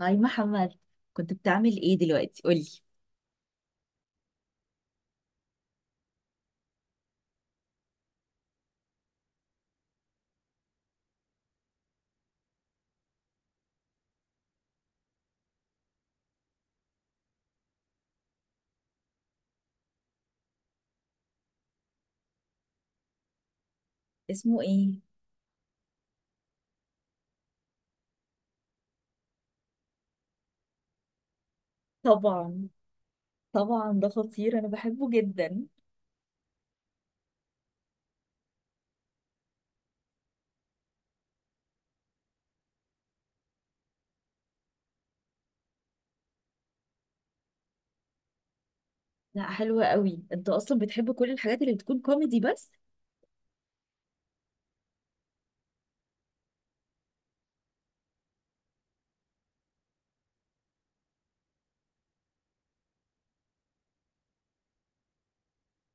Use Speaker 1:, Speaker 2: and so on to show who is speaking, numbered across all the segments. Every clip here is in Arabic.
Speaker 1: هاي محمد. كنت بتعمل ايه دلوقتي؟ قولي. اسمه ايه؟ طبعا، طبعا، ده خطير. انا بحبه جدا. لا، حلوة قوي. انت اصلا بتحب كل الحاجات اللي بتكون كوميدي بس.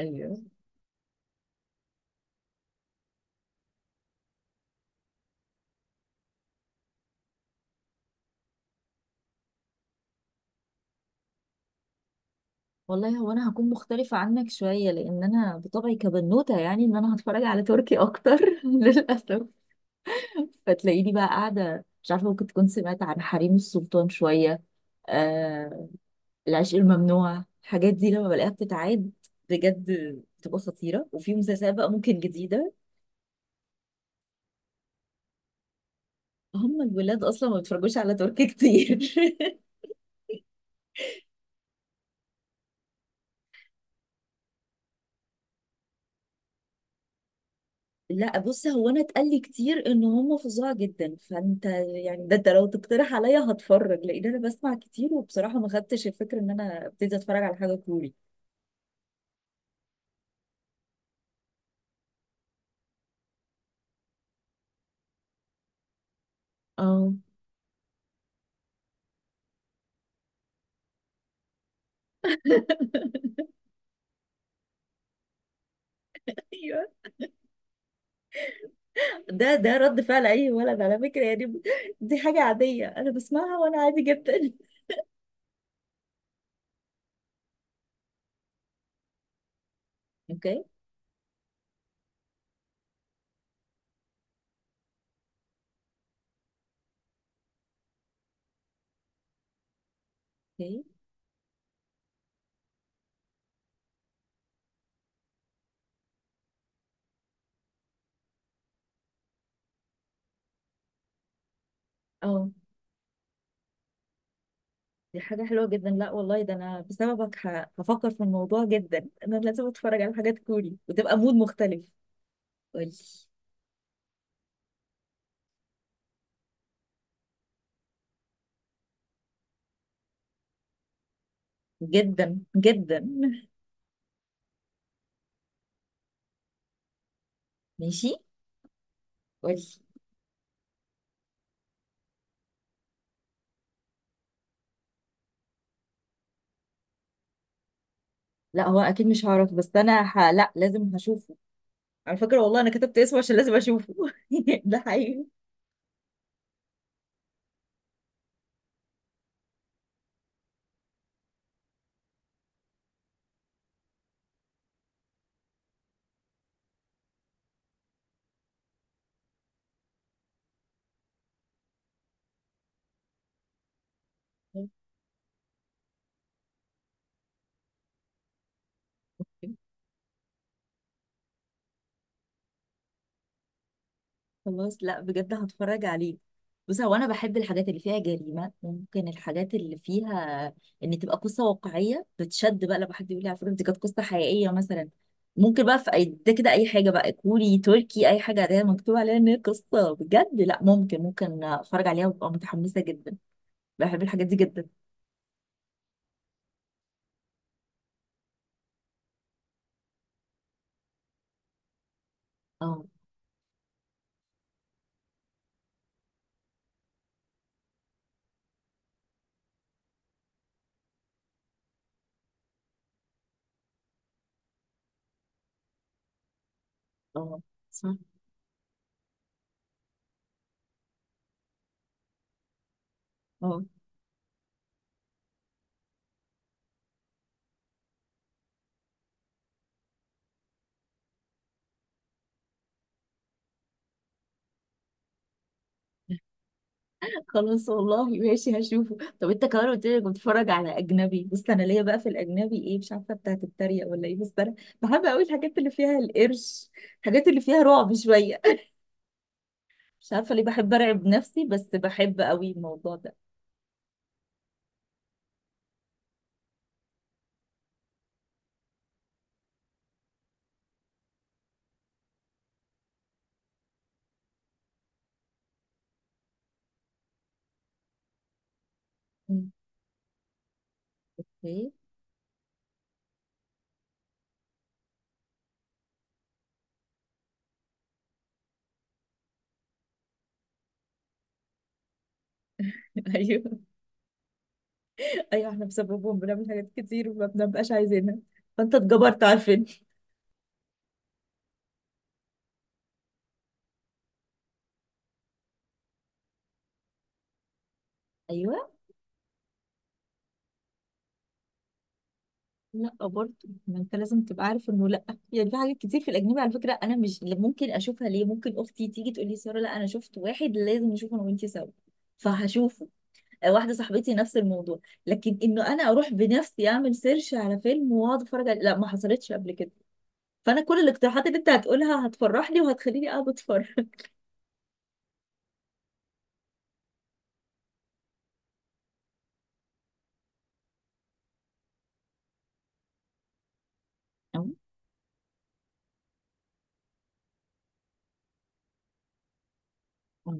Speaker 1: ايوه. والله هو انا هكون مختلفة عنك شوية، لان انا بطبعي كبنوتة يعني ان انا هتفرج على تركي اكتر. للاسف. فتلاقيني بقى قاعدة، مش عارفة، ممكن تكون سمعت عن حريم السلطان شوية. آه، العشق الممنوع، الحاجات دي لما بلاقيها بتتعاد. بجد. بتبقى خطيرة، وفي مسلسلات بقى ممكن جديدة. هم الولاد أصلا ما بيتفرجوش على تركي كتير. لا، بص، هو أنا اتقال لي كتير إن هم فظاع جدا. فأنت يعني ده أنت لو تقترح عليا هتفرج، لأن أنا بسمع كتير، وبصراحة ما خدتش الفكرة إن أنا ابتدي أتفرج على حاجة كوري. اه. ايوه، ده رد فعل اي ولد على فكره يعني. دي حاجه عاديه، انا بسمعها وانا عادي جدا. اوكي. اوكي. اه. دي حاجة حلوة جدا. لا والله، ده أنا بسببك هفكر في الموضوع جدا. أنا لازم أتفرج على حاجات كوري وتبقى مود مختلف. قولي. جدا جدا. ماشي. قولي. لا، هو أكيد مش هعرف. بس أنا لا، لازم هشوفه. على فكرة والله أنا كتبت اسمه عشان لازم أشوفه. ده حقيقي. خلاص. لا بجد، هتفرج عليه. بص، هو انا بحب الحاجات اللي فيها جريمه، ممكن الحاجات اللي فيها ان تبقى قصه واقعيه، بتشد بقى لما حد يقول لي على فكره دي كانت قصه حقيقيه مثلا. ممكن بقى في اي ده كده، اي حاجه بقى كوري تركي، اي حاجه ده مكتوب عليها ان هي قصه بجد، لا ممكن اتفرج عليها وابقى متحمسه جدا. بحب الحاجات دي جدا. اه، اه، صح. اه. خلاص والله، ماشي هشوفه. طب انت كمان قلت لي كنت بتتفرج على اجنبي. بص، انا ليا بقى في الاجنبي ايه؟ مش عارفه بتاعت التريق ولا ايه، بس انا بحب قوي الحاجات اللي فيها القرش، الحاجات اللي فيها رعب شويه. مش عارفه ليه بحب ارعب نفسي، بس بحب قوي الموضوع ده. مم. ايه؟ ايوه، ايوه، احنا بسببهم بنعمل حاجات كتير وما بنبقاش عايزينها. فانت اتجبرت على الفيلم. ايوه. لا برضه. ما انت لازم تبقى عارف انه لا. يعني في حاجات كتير في الاجنبي على فكره انا مش ممكن اشوفها، ليه؟ ممكن اختي تيجي تقول لي: ساره، لا انا شفت واحد لازم نشوفه انا وانتي سوا. فهشوفه. آه، واحده صاحبتي نفس الموضوع. لكن انه انا اروح بنفسي اعمل سيرش على فيلم واقعد اتفرج عليه، لا ما حصلتش قبل كده. فانا كل الاقتراحات اللي انت هتقولها هتفرحني وهتخليني قاعده اتفرج. أه، أه،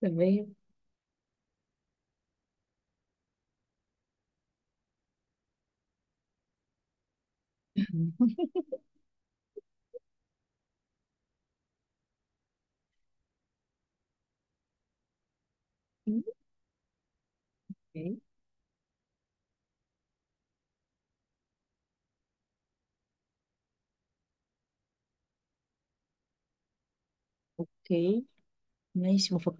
Speaker 1: تمام. اوكي، اوكي، ماشي مفكرة.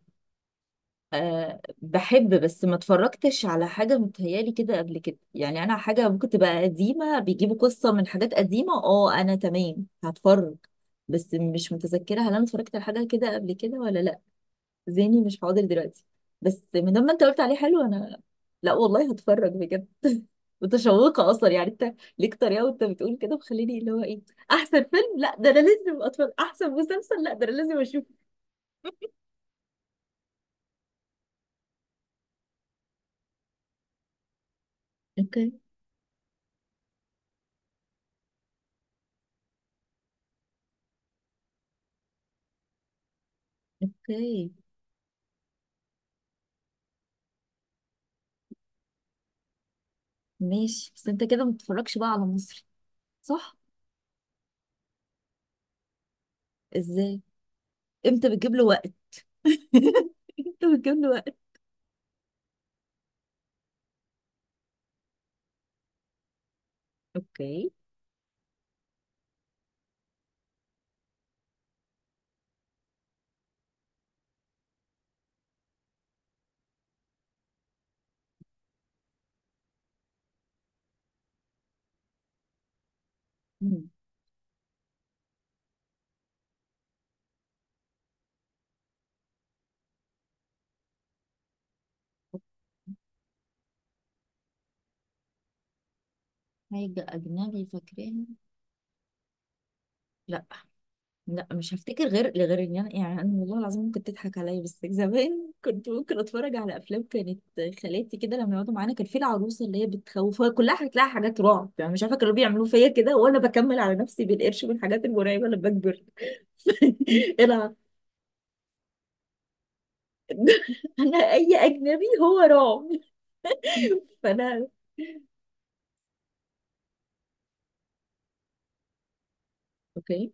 Speaker 1: أه بحب، بس ما اتفرجتش على حاجة متهيالي كده قبل كده. يعني أنا حاجة ممكن تبقى قديمة بيجيبوا قصة من حاجات قديمة، اه أنا تمام هتفرج. بس مش متذكرة هل أنا اتفرجت على حاجة كده قبل كده ولا لأ. ذهني مش حاضر دلوقتي. بس من لما أنت قلت عليه حلو، أنا لأ والله، هتفرج بجد. متشوقة أصلا. يعني أنت ليك طريقة وأنت بتقول كده مخليني، اللي هو إيه؟ أحسن فيلم؟ لأ، ده أنا لازم أتفرج. أحسن مسلسل؟ لأ، ده أنا لازم أشوفه. اوكي، اوكي، ماشي. بس انت كده ما بتتفرجش بقى على مصري؟ صح؟ ازاي؟ امتى بتجيب له وقت؟ امتى بتجيب له وقت؟ اوكي. مم. حاجة أجنبي فاكراها؟ لا. لا مش هفتكر غير ان انا يعني انا والله العظيم ممكن تضحك عليا بس زمان كنت ممكن اتفرج على افلام كانت خالاتي كده لما يقعدوا معانا، كان في العروسه اللي هي بتخوف، هو كلها هتلاقي حاجات رعب. يعني مش عارفه كانوا بيعملوا فيا كده، وانا بكمل على نفسي بالقرش من الحاجات المرعبه لما بكبر. انا انا اي اجنبي هو رعب. فانا اوكي،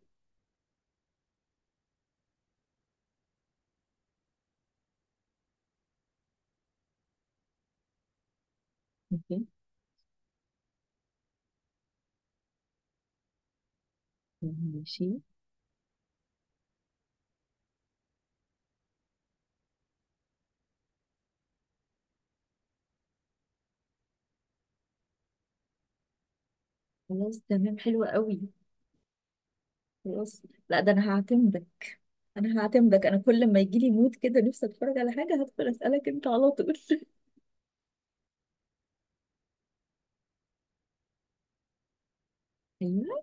Speaker 1: اوكي، ماشي. خلاص، تمام، حلو قوي. خلاص. لا، ده انا هعتمدك. انا هعتمدك. انا كل ما يجي لي مود كده نفسي اتفرج على حاجه، هدخل اسالك انت على طول. ايوه.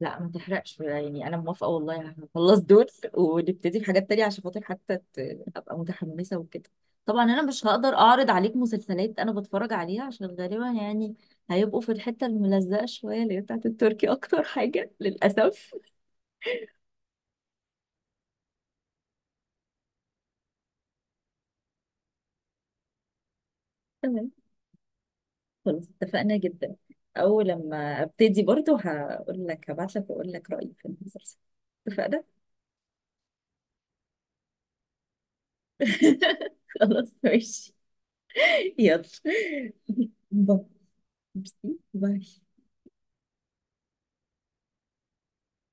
Speaker 1: لا، ما تحرقش. يعني انا موافقه والله، هخلص دول ونبتدي بحاجات تانية عشان خاطر حتى ابقى متحمسه وكده. طبعا انا مش هقدر اعرض عليك مسلسلات انا بتفرج عليها، عشان غالبا يعني هيبقوا في الحته الملزقه شويه، اللي هي بتاعت التركي اكتر حاجه، للاسف. تمام. خلاص، اتفقنا جدا. أول لما أبتدي برضو هقول لك، هبعت لك وأقول لك رأيي في المسلسل. اتفقنا. خلاص، ماشي. يلا. باي. ميرسي. باي.